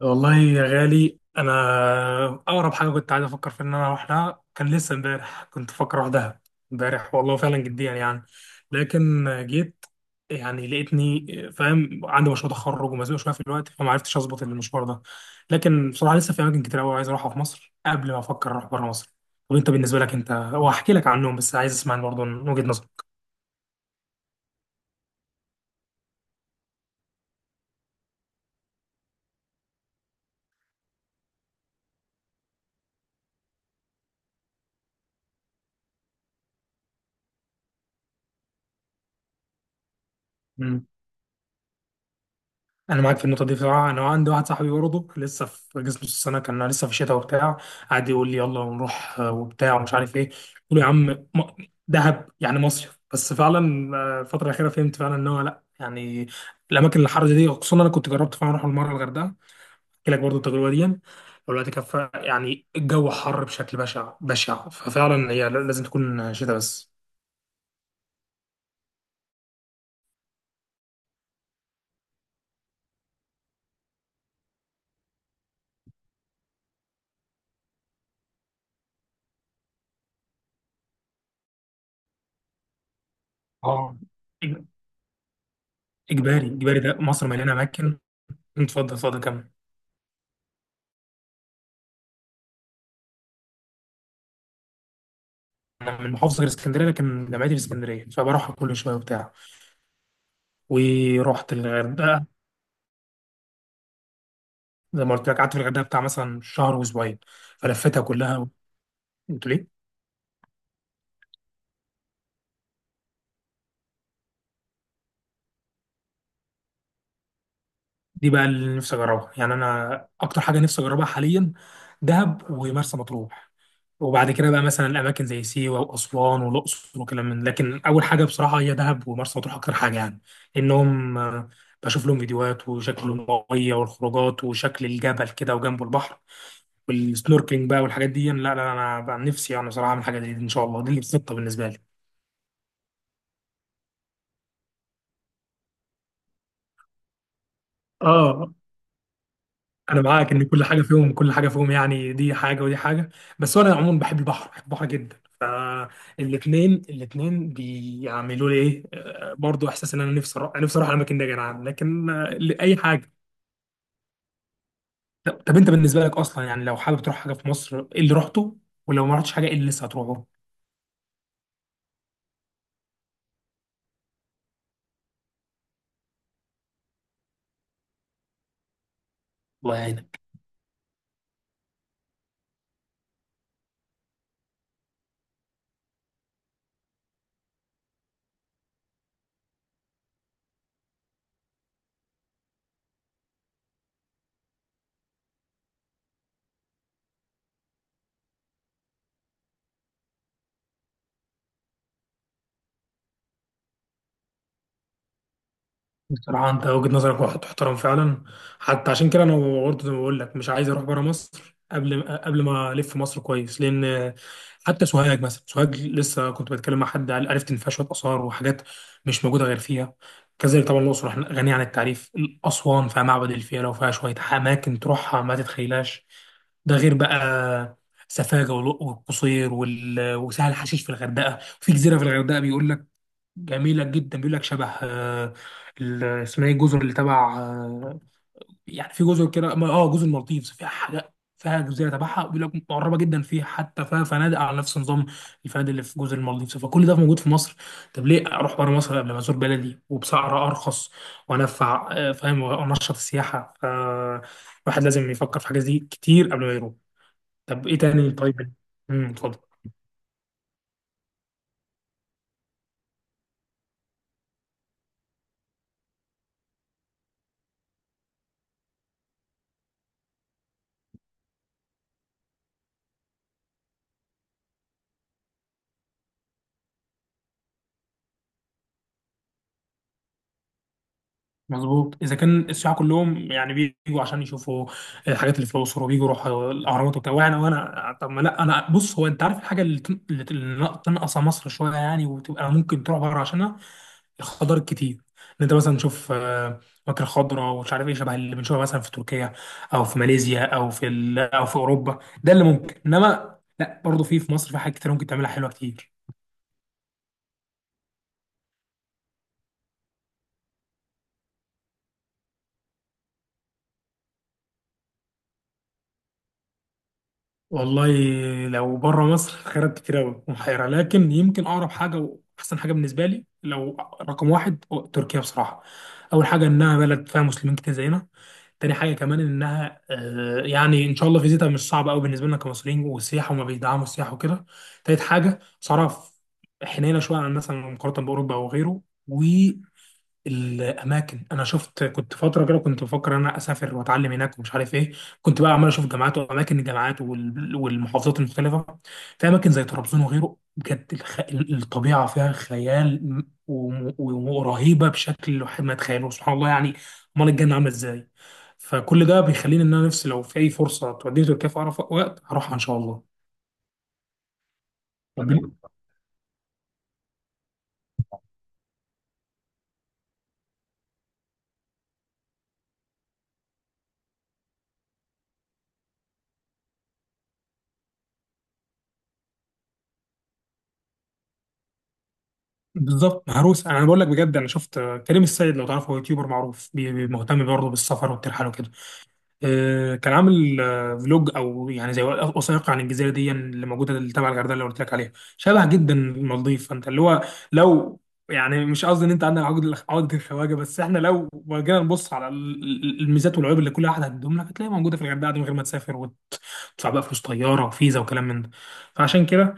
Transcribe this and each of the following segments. والله يا غالي انا اقرب حاجه كنت عايز افكر في ان انا اروح لها كان لسه امبارح كنت بفكر اروح دهب امبارح، والله فعلا جديا يعني. لكن جيت يعني لقيتني فاهم عندي مشروع تخرج ومزنوق شويه في الوقت فما عرفتش اظبط المشوار ده. لكن بصراحه لسه في اماكن كتير قوي عايز اروحها في مصر قبل ما افكر اروح بره مصر. طب انت بالنسبه لك، انت وهحكي لك عنهم بس عايز اسمع برضه من وجهه نظرك. انا معاك في النقطه دي بصراحه. انا عندي واحد صاحبي برضه لسه في جسم نص السنه كان لسه في الشتاء وبتاع، قعد يقول لي يلا نروح وبتاع ومش عارف ايه. قلت له يا عم م- دهب يعني مصيف، بس فعلا الفتره الاخيره فهمت فعلا ان هو لا يعني الاماكن الحر دي، خصوصا انا كنت جربت فعلا اروح المره الغردقه، احكي لك برضه التجربه دي. والوقت كفى يعني الجو حر بشكل بشع بشع، ففعلا هي لازم تكون شتاء بس. اه. إج- اجباري اجباري، ده مصر مليانه اماكن. اتفضل اتفضل كمل. انا من محافظه غير اسكندريه لكن جامعتي في اسكندريه فبروحها كل شويه وبتاع. ورحت الغردقه، زي ما قلت لك قعدت في الغردقه بتاع مثلا شهر واسبوعين فلفتها كلها. قلت ليه دي بقى اللي نفسي اجربها. يعني انا اكتر حاجه نفسي اجربها حاليا دهب ومرسى مطروح، وبعد كده بقى مثلا الاماكن زي سيوه واسوان والاقصر وكلام من. لكن اول حاجه بصراحه هي دهب ومرسى مطروح اكتر حاجه يعني. انهم بشوف لهم فيديوهات وشكل الميه والخروجات وشكل الجبل كده وجنبه البحر والسنوركلينج بقى والحاجات دي، لا لا لا، انا بقى نفسي يعني بصراحه اعمل حاجه زي دي ان شاء الله، دي الخطه بالنسبه لي. اه انا معاك ان كل حاجه فيهم، كل حاجه فيهم، يعني دي حاجه ودي حاجه. بس انا عموما بحب البحر، بحب البحر جدا، فالاثنين بيعملوا لي ايه برضو احساس ان انا نفسي اروح، نفسي اروح الاماكن دي يا جدعان. لكن اي حاجه. طب طب انت بالنسبه لك اصلا، يعني لو حابب تروح حاجه في مصر ايه اللي رحته؟ ولو ما رحتش حاجه ايه اللي لسه هتروحه؟ الله يعينك. بصراحة أنت وجهة نظرك واحد تحترم فعلا، حتى عشان كده أنا برضه زي ما بقول لك مش عايز أروح بره مصر قبل ما ألف مصر كويس. لأن حتى سوهاج، مثلا سوهاج لسه كنت بتكلم مع حد قال عرفت إن فيها شوية آثار وحاجات مش موجودة غير فيها. كذلك طبعا الأقصر إحنا غنية عن التعريف. أسوان فيها معبد الفيلة وفيها شوية أماكن تروحها ما تتخيلهاش. ده غير بقى سفاجة والقصير وسهل حشيش. في الغردقة في جزيرة، في الغردقة بيقول لك جميلة جدا، بيقول لك شبه اسمها ايه الجزر اللي تبع يعني في جزر كده اه جزر المالديفز، فيها حاجة، فيها جزيرة تبعها بيقول لك مقربة جدا فيها، حتى فيها فنادق على نفس نظام الفنادق اللي في جزر المالديفز. فكل ده موجود في مصر، طب ليه اروح بره مصر قبل ما ازور بلدي وبسعر ارخص وانفع فاهم، وانشط السياحة. فالواحد لازم يفكر في حاجات دي كتير قبل ما يروح. طب ايه تاني طيب. اتفضل. مظبوط، اذا كان السياح كلهم يعني بيجوا عشان يشوفوا الحاجات اللي في الاقصر وبيجوا يروحوا الاهرامات وبتاع، وانا طب ما لا انا بص، هو انت عارف الحاجه اللي تنقص مصر شويه يعني، وتبقى ممكن تروح بره عشانها؟ الخضار الكتير، ان انت مثلا تشوف مكر خضراء ومش عارف ايه شبه اللي بنشوفها مثلا في تركيا او في ماليزيا او في او في اوروبا. ده اللي ممكن، انما لا برضه في مصر في حاجات كتير ممكن تعملها حلوه كتير. والله لو بره مصر خيارات كتير قوي محيرة، لكن يمكن أقرب حاجة وأحسن حاجة بالنسبة لي لو رقم واحد هو تركيا بصراحة. أول حاجة إنها بلد فيها مسلمين كتير زينا. تاني حاجة كمان إنها يعني إن شاء الله فيزيتها مش صعبة قوي بالنسبة لنا كمصريين، والسياحة وما بيدعموا السياحة وكده. تالت حاجة صرف حنينة شوية عن مثلا مقارنة بأوروبا أو غيره. الاماكن، انا شفت كنت فتره كده كنت بفكر ان انا اسافر واتعلم هناك ومش عارف ايه. كنت بقى عمال اشوف جامعات واماكن الجامعات والمحافظات المختلفه. في اماكن زي طرابزون وغيره بجد، الطبيعه فيها خيال ورهيبه بشكل الواحد ما يتخيلوش سبحان الله يعني، امال الجنه عامله ازاي. فكل ده بيخليني ان انا نفسي لو في اي فرصه توديني تركيا في اقرب وقت هروحها ان شاء الله. طب بن- بالظبط مهروس. انا بقول لك بجد، انا شفت كريم السيد لو تعرفه، هو يوتيوبر معروف مهتم برضه بالسفر والترحال وكده، كان عامل فلوج او يعني زي وثائقي عن الجزيره دي اللي موجوده اللي تبع الغردقه اللي قلت لك عليها، شبه جدا المالديف. فانت اللي هو لو يعني مش قصدي ان انت عندك عقد الخواجه، بس احنا لو جينا نبص على الميزات والعيوب اللي كل واحد هتديهم لك هتلاقيها موجوده في الغردقه دي من غير ما تسافر تدفع بقى فلوس طياره فيزا وكلام من ده. فعشان كده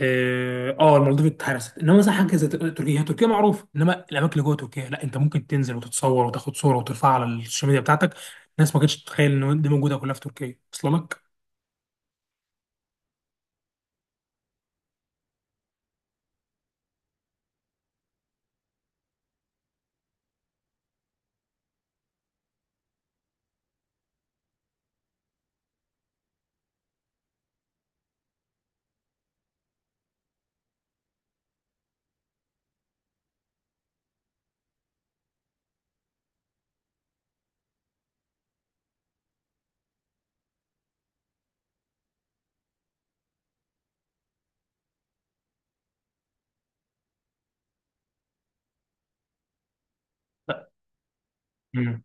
اه المالديف اتهرست، انما مثلا حاجه زي تركيا، هي تركيا معروف، انما الاماكن اللي جوه تركيا لا، انت ممكن تنزل وتتصور وتاخد صوره وترفعها على السوشيال ميديا بتاعتك الناس ما كانتش تتخيل ان دي موجوده كلها في تركيا اصلا لك. لا. مم.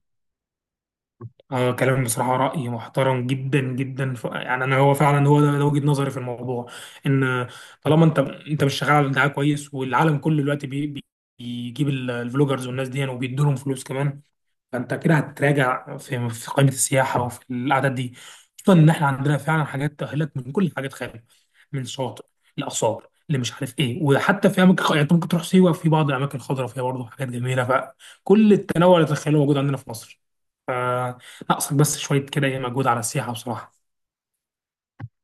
اه كلام بصراحه راي محترم جدا جدا يعني انا هو فعلا هو ده وجهه نظري في الموضوع. ان طالما انت مش شغال على دعايه كويس، والعالم كله دلوقتي بيجيب الفلوجرز والناس دي وبيدوا لهم فلوس كمان، فانت كده هتراجع في قائمه السياحه وفي الاعداد دي. خصوصا ان احنا عندنا فعلا حاجات تاهلت من كل حاجات خارج، من شاطئ لاثار اللي مش عارف ايه، وحتى في اماكن يعني انت ممكن تروح سيوه في بعض الاماكن الخضراء فيها برضه حاجات جميله. فكل التنوع اللي تتخيله موجود عندنا في مصر، فناقصك بس شويه كده ايه مجهود على السياحه بصراحه.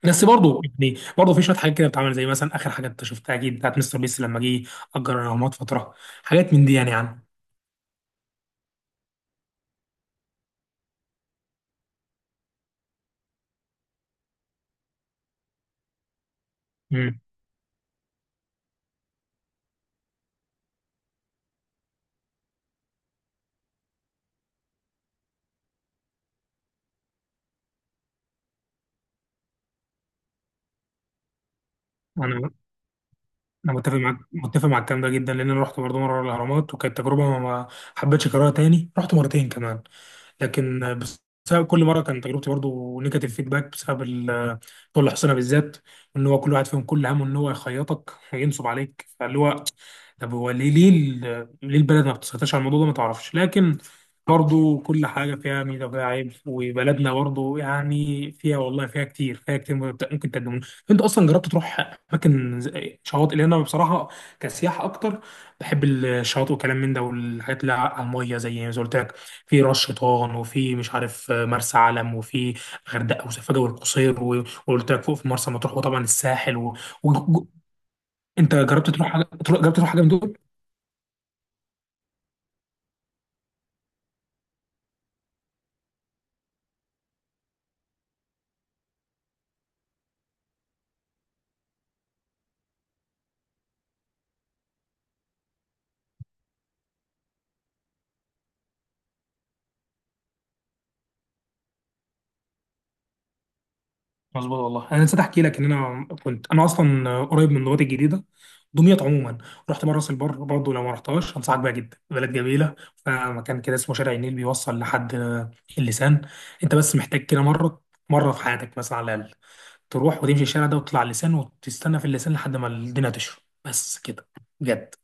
بس برضه يعني برضه في شويه حاجات كده بتتعمل، زي مثلا اخر حاجه انت شفتها اكيد بتاعت مستر بيس لما جه اجر الاهرامات فتره. حاجات من دي يعني يعني. مم. انا متفق معاك، متفق مع الكلام ده جدا، لان انا رحت برضه مره الاهرامات وكانت تجربه ما حبيتش اكررها تاني. رحت مرتين كمان لكن بسبب كل مره كان تجربتي برضو نيجاتيف فيدباك بسبب طول حسنا بالذات، ان هو كل واحد فيهم كل همه ان هو يخيطك وينصب عليك. فاللي هو طب هو ليه، ليه البلد ما بتسيطرش على الموضوع ده ما تعرفش. لكن برضو كل حاجه فيها ميزه وفيها عيب، وبلدنا برضو يعني فيها، والله فيها كتير، فيها كتير ممكن تقدم. انت اصلا جربت تروح اماكن شواطئ؟ لان انا بصراحه كسياحه اكتر بحب الشواطئ وكلام من ده والحاجات اللي على الميه زي ما قلت لك، في راس شيطان وفي مش عارف مرسى علم وفي غردقه وسفاجه والقصير وقلت لك فوق في مرسى مطروح، وطبعا الساحل و... و- انت جربت تروح حاجه جربت تروح حاجه من دول؟ مظبوط والله، انا نسيت احكي لك ان انا كنت انا اصلا قريب من دمياط الجديده، دمياط عموما. رحت مره راس البر برضه، لو ما رحتهاش انصحك بيها جدا، بلد جميله. فمكان كده اسمه شارع النيل بيوصل لحد اللسان. انت بس محتاج كده مره مره في حياتك مثلا على الاقل، تروح وتمشي الشارع ده وتطلع اللسان وتستنى في اللسان لحد ما الدنيا تشرب، بس كده، بجد.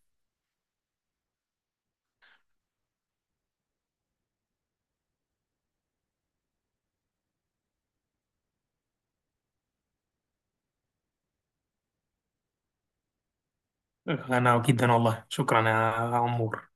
انا جدا، والله شكرا يا عمور.